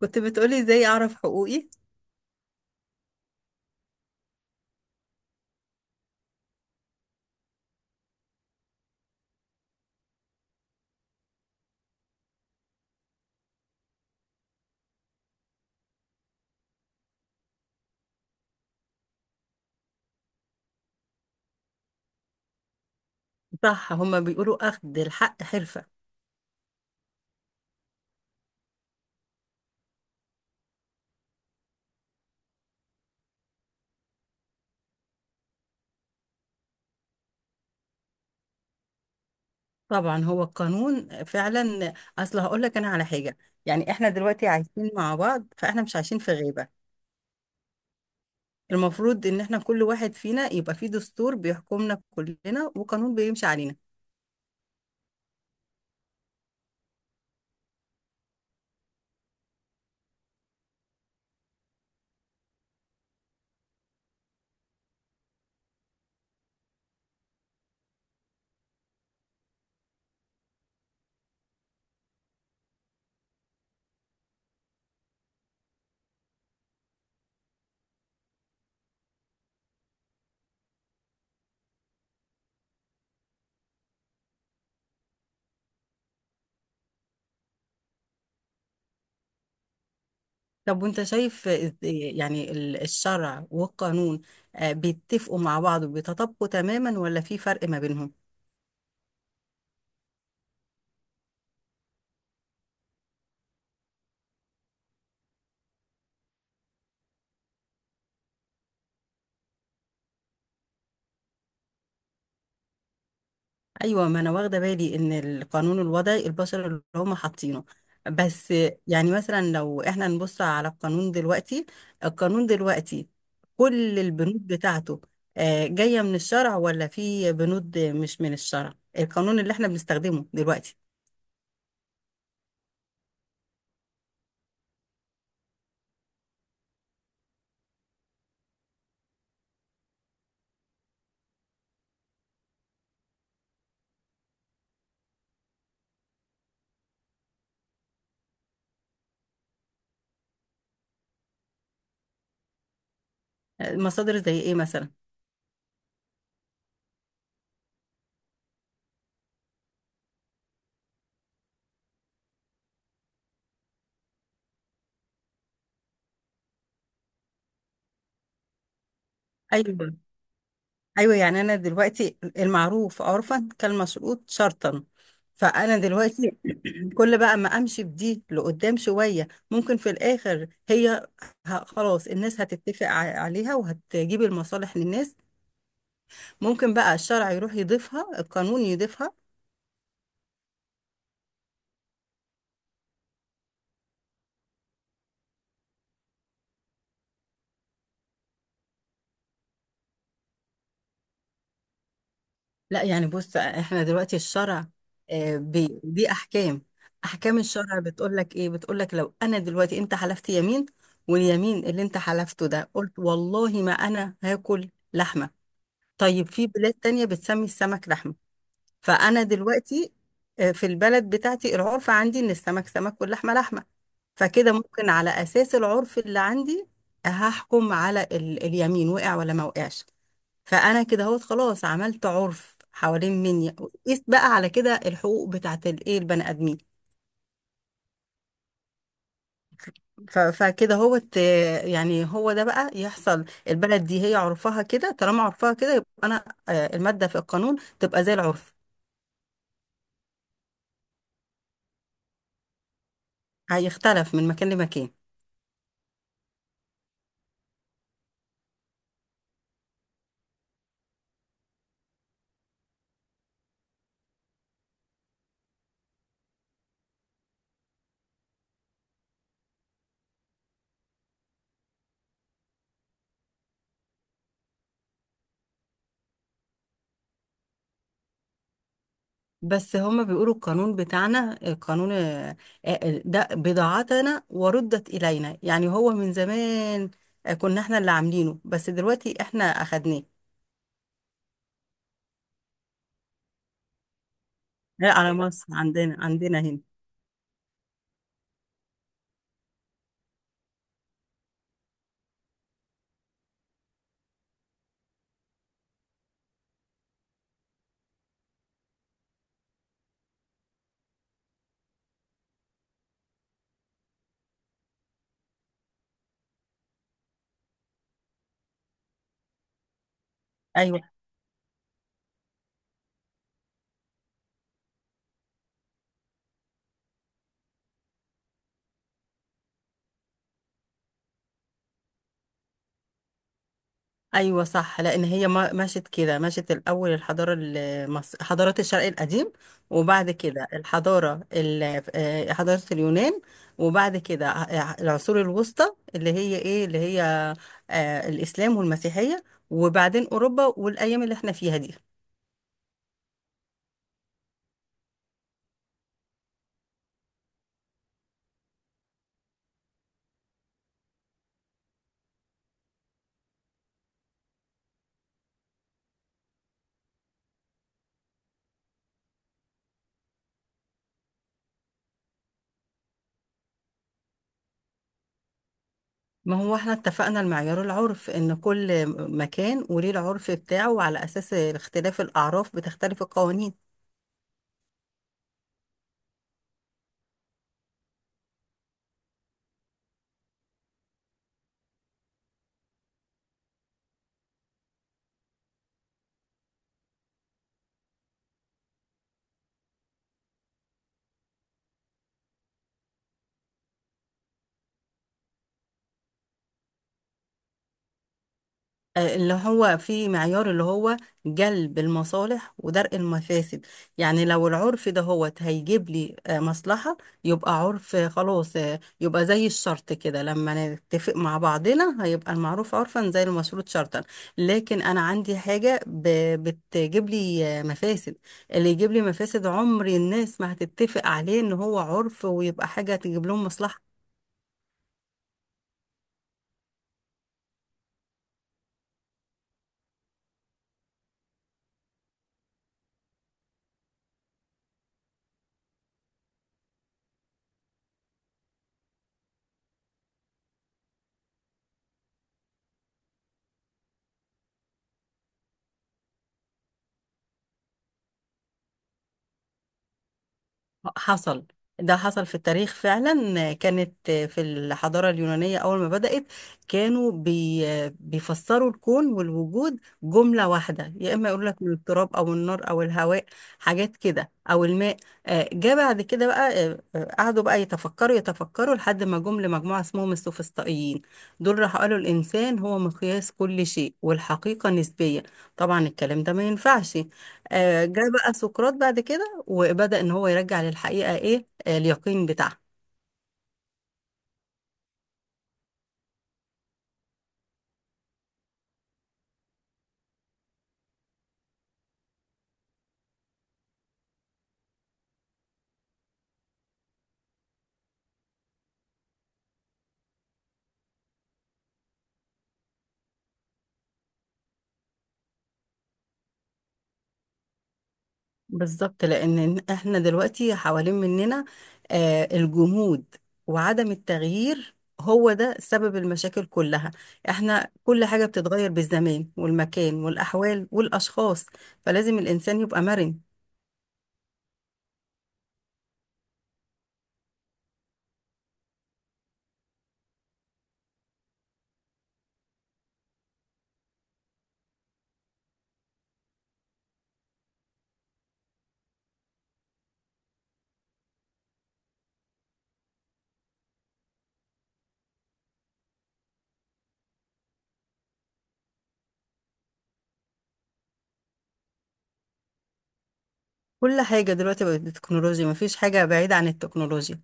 كنت بتقولي ازاي اعرف حقوقي. صح، هما بيقولوا اخد الحق حرفة. طبعا هو القانون فعلا. اصل هقول لك انا على حاجة. يعني احنا دلوقتي عايشين مع بعض، فاحنا مش عايشين في غيبة. المفروض ان احنا كل واحد فينا يبقى فيه دستور بيحكمنا كلنا وقانون بيمشي علينا. طب وانت شايف الشرع والقانون بيتفقوا مع بعض وبيتطابقوا تماما ولا في فرق ما بينهم؟ ايوه، ما انا واخده بالي ان القانون الوضعي البشر اللي هم حاطينه. بس يعني مثلا لو احنا نبص على القانون دلوقتي، القانون دلوقتي كل البنود بتاعته جايه من الشرع ولا في بنود مش من الشرع؟ القانون اللي احنا بنستخدمه دلوقتي مصادر زي ايه مثلا؟ ايوه، ايوه، يعني انا دلوقتي المعروف عرفا كالمشروط شرطا. فانا دلوقتي كل بقى ما امشي بدي لقدام شويه، ممكن في الاخر هي خلاص الناس هتتفق عليها وهتجيب المصالح للناس. ممكن بقى الشرع يروح يضيفها، القانون يضيفها. لا يعني بص، احنا دلوقتي الشرع دي احكام. احكام الشرع بتقول لك ايه؟ بتقول لك لو انا دلوقتي انت حلفت يمين، واليمين اللي انت حلفته ده قلت والله ما انا هاكل لحمه. طيب في بلاد تانية بتسمي السمك لحمه، فانا دلوقتي في البلد بتاعتي العرف عندي ان السمك سمك واللحمه لحمه. فكده ممكن على اساس العرف اللي عندي هحكم على اليمين وقع ولا ما وقعش. فانا كده اهوت، خلاص عملت عرف حوالين مني. قيس بقى على كده الحقوق بتاعت الايه البني ادمين. فكده هوت، يعني هو ده بقى يحصل. البلد دي هي عرفها كده، طالما عرفها كده يبقى انا الماده في القانون تبقى زي العرف. هيختلف من مكان لمكان. بس هما بيقولوا القانون بتاعنا، القانون ده بضاعتنا وردت إلينا. يعني هو من زمان كنا احنا اللي عاملينه، بس دلوقتي احنا أخدناه. لا، على مصر، عندنا هنا. أيوة. ايوه صح، لان هي مشت كده، مشت الاول الحضاره المصر، حضارات الشرق القديم. وبعد كده الحضاره ال- آه، حضاره اليونان. وبعد كده العصور الوسطى، اللي هي ايه، اللي هي الاسلام والمسيحيه. وبعدين اوروبا والايام اللي احنا فيها دي. ما هو احنا اتفقنا، المعيار العرف، ان كل مكان وليه العرف بتاعه، وعلى اساس اختلاف الاعراف بتختلف القوانين. اللي هو في معيار، اللي هو جلب المصالح ودرء المفاسد. يعني لو العرف ده هو هيجيب لي مصلحة، يبقى عرف، خلاص، يبقى زي الشرط كده. لما نتفق مع بعضنا هيبقى المعروف عرفا زي المشروط شرطا. لكن أنا عندي حاجة بتجيب لي مفاسد. اللي يجيب لي مفاسد عمر الناس ما هتتفق عليه إن هو عرف، ويبقى حاجة تجيب لهم مصلحة. حصل. ده حصل في التاريخ فعلا. كانت في الحضارة اليونانية أول ما بدأت، كانوا بي بيفسروا الكون والوجود جملة واحدة، يا إما يقول لك من التراب أو النار أو الهواء، حاجات كده، أو الماء. جه بعد كده بقى قعدوا بقى يتفكروا لحد ما جم لمجموعة اسمهم السوفسطائيين. دول راحوا قالوا الإنسان هو مقياس كل شيء والحقيقة نسبية. طبعا الكلام ده ما ينفعش. جه بقى سقراط بعد كده وبدأ ان هو يرجع للحقيقة ايه، اليقين بتاعها. بالظبط، لان احنا دلوقتي حوالين مننا الجمود وعدم التغيير، هو ده سبب المشاكل كلها. احنا كل حاجة بتتغير بالزمان والمكان والأحوال والأشخاص، فلازم الإنسان يبقى مرن. كل حاجة دلوقتي بقت بالتكنولوجيا، مفيش حاجة بعيدة عن التكنولوجيا.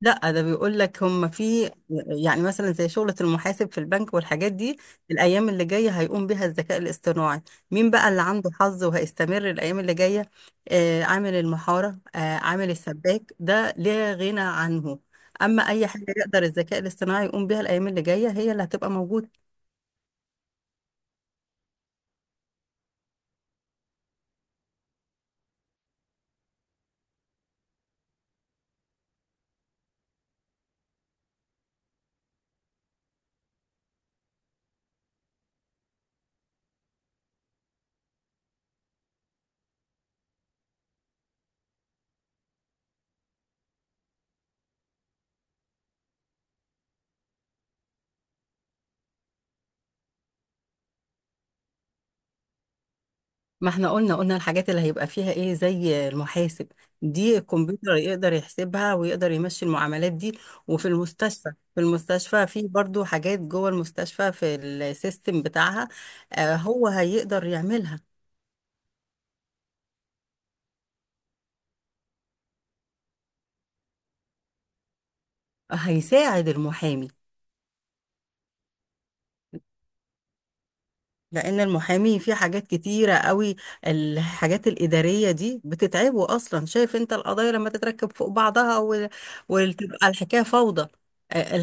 لا ده بيقول لك هم في، يعني مثلا زي شغلة المحاسب في البنك والحاجات دي، الأيام اللي جاية هيقوم بها الذكاء الاصطناعي. مين بقى اللي عنده حظ وهيستمر الأيام اللي جاية؟ آه عامل المحارة، آه عامل السباك، ده لا غنى عنه. أما أي حاجة يقدر الذكاء الاصطناعي يقوم بها الأيام اللي جاية هي اللي هتبقى موجودة. ما احنا قلنا الحاجات اللي هيبقى فيها ايه، زي المحاسب، دي الكمبيوتر يقدر يحسبها ويقدر يمشي المعاملات دي. وفي المستشفى، في المستشفى في برضو حاجات جوه المستشفى في السيستم بتاعها، آه هو هيقدر يعملها. هيساعد المحامي، لان المحامي في حاجات كتيره قوي. الحاجات الاداريه دي بتتعبه اصلا، شايف انت القضايا لما تتركب فوق بعضها وتبقى الحكايه فوضى. آه،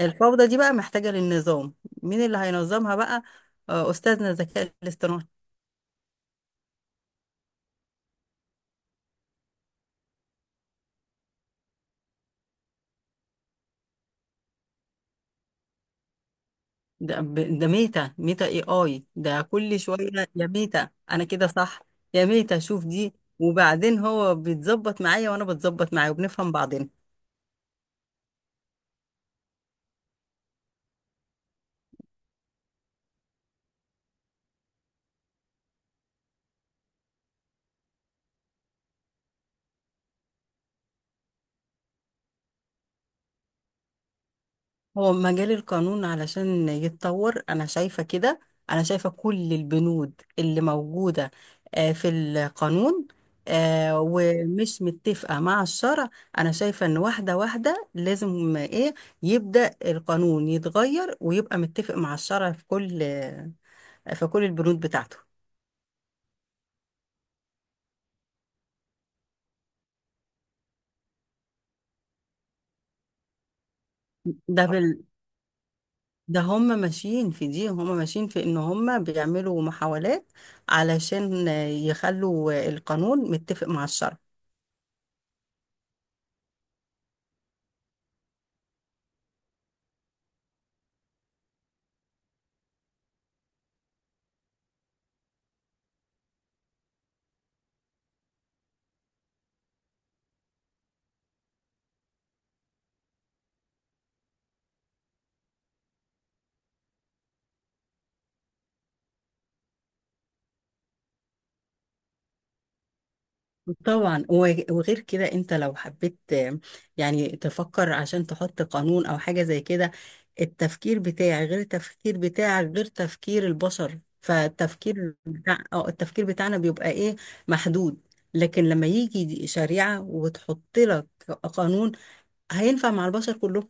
الفوضى دي بقى محتاجة للنظام. مين اللي هينظمها بقى؟ أستاذنا الذكاء الاصطناعي. ده ميتا ميتا اي اي ده كل شوية. يا ميتا أنا كده صح؟ يا ميتا شوف دي. وبعدين هو بيتظبط معايا وأنا بتظبط معاه وبنفهم بعضنا. هو مجال القانون علشان يتطور انا شايفة كده: انا شايفة كل البنود اللي موجودة في القانون ومش متفقة مع الشرع، انا شايفة ان واحدة واحدة لازم ايه، يبدأ القانون يتغير ويبقى متفق مع الشرع في كل في كل البنود بتاعته. ده في ال- ده هم ماشيين في ان هم بيعملوا محاولات علشان يخلوا القانون متفق مع الشرع. طبعا وغير كده انت لو حبيت يعني تفكر عشان تحط قانون او حاجة زي كده، التفكير بتاعي غير التفكير بتاعك غير تفكير البشر، فالتفكير بتاع التفكير بتاعنا بيبقى ايه، محدود. لكن لما يجي دي شريعة وتحط لك قانون، هينفع مع البشر كلهم.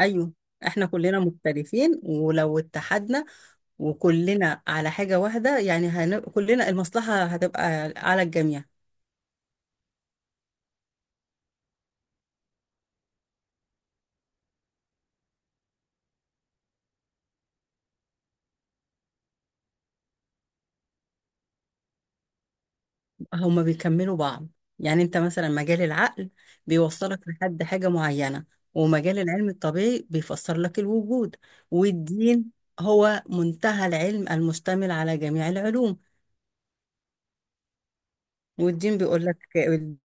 ايوه، احنا كلنا مختلفين ولو اتحدنا وكلنا على حاجة واحدة يعني كلنا المصلحة هتبقى على الجميع. هما بيكملوا بعض. يعني انت مثلا مجال العقل بيوصلك لحد حاجة معينة، ومجال العلم الطبيعي بيفسر لك الوجود، والدين هو منتهى العلم المشتمل على جميع العلوم. والدين بيقول لك،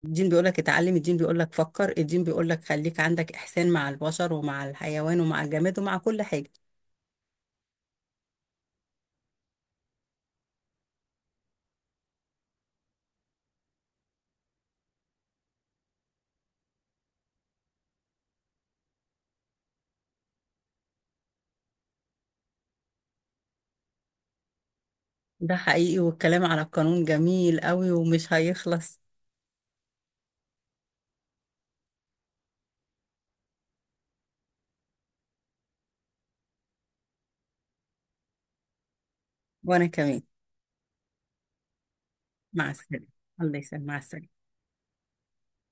الدين بيقول لك اتعلم، الدين بيقول لك فكر، الدين بيقول لك خليك عندك إحسان مع البشر ومع الحيوان ومع الجماد ومع كل حاجة. ده حقيقي، والكلام على القانون جميل قوي ومش هيخلص. وأنا كمان. مع السلامة. الله يسلمك، مع السلامة.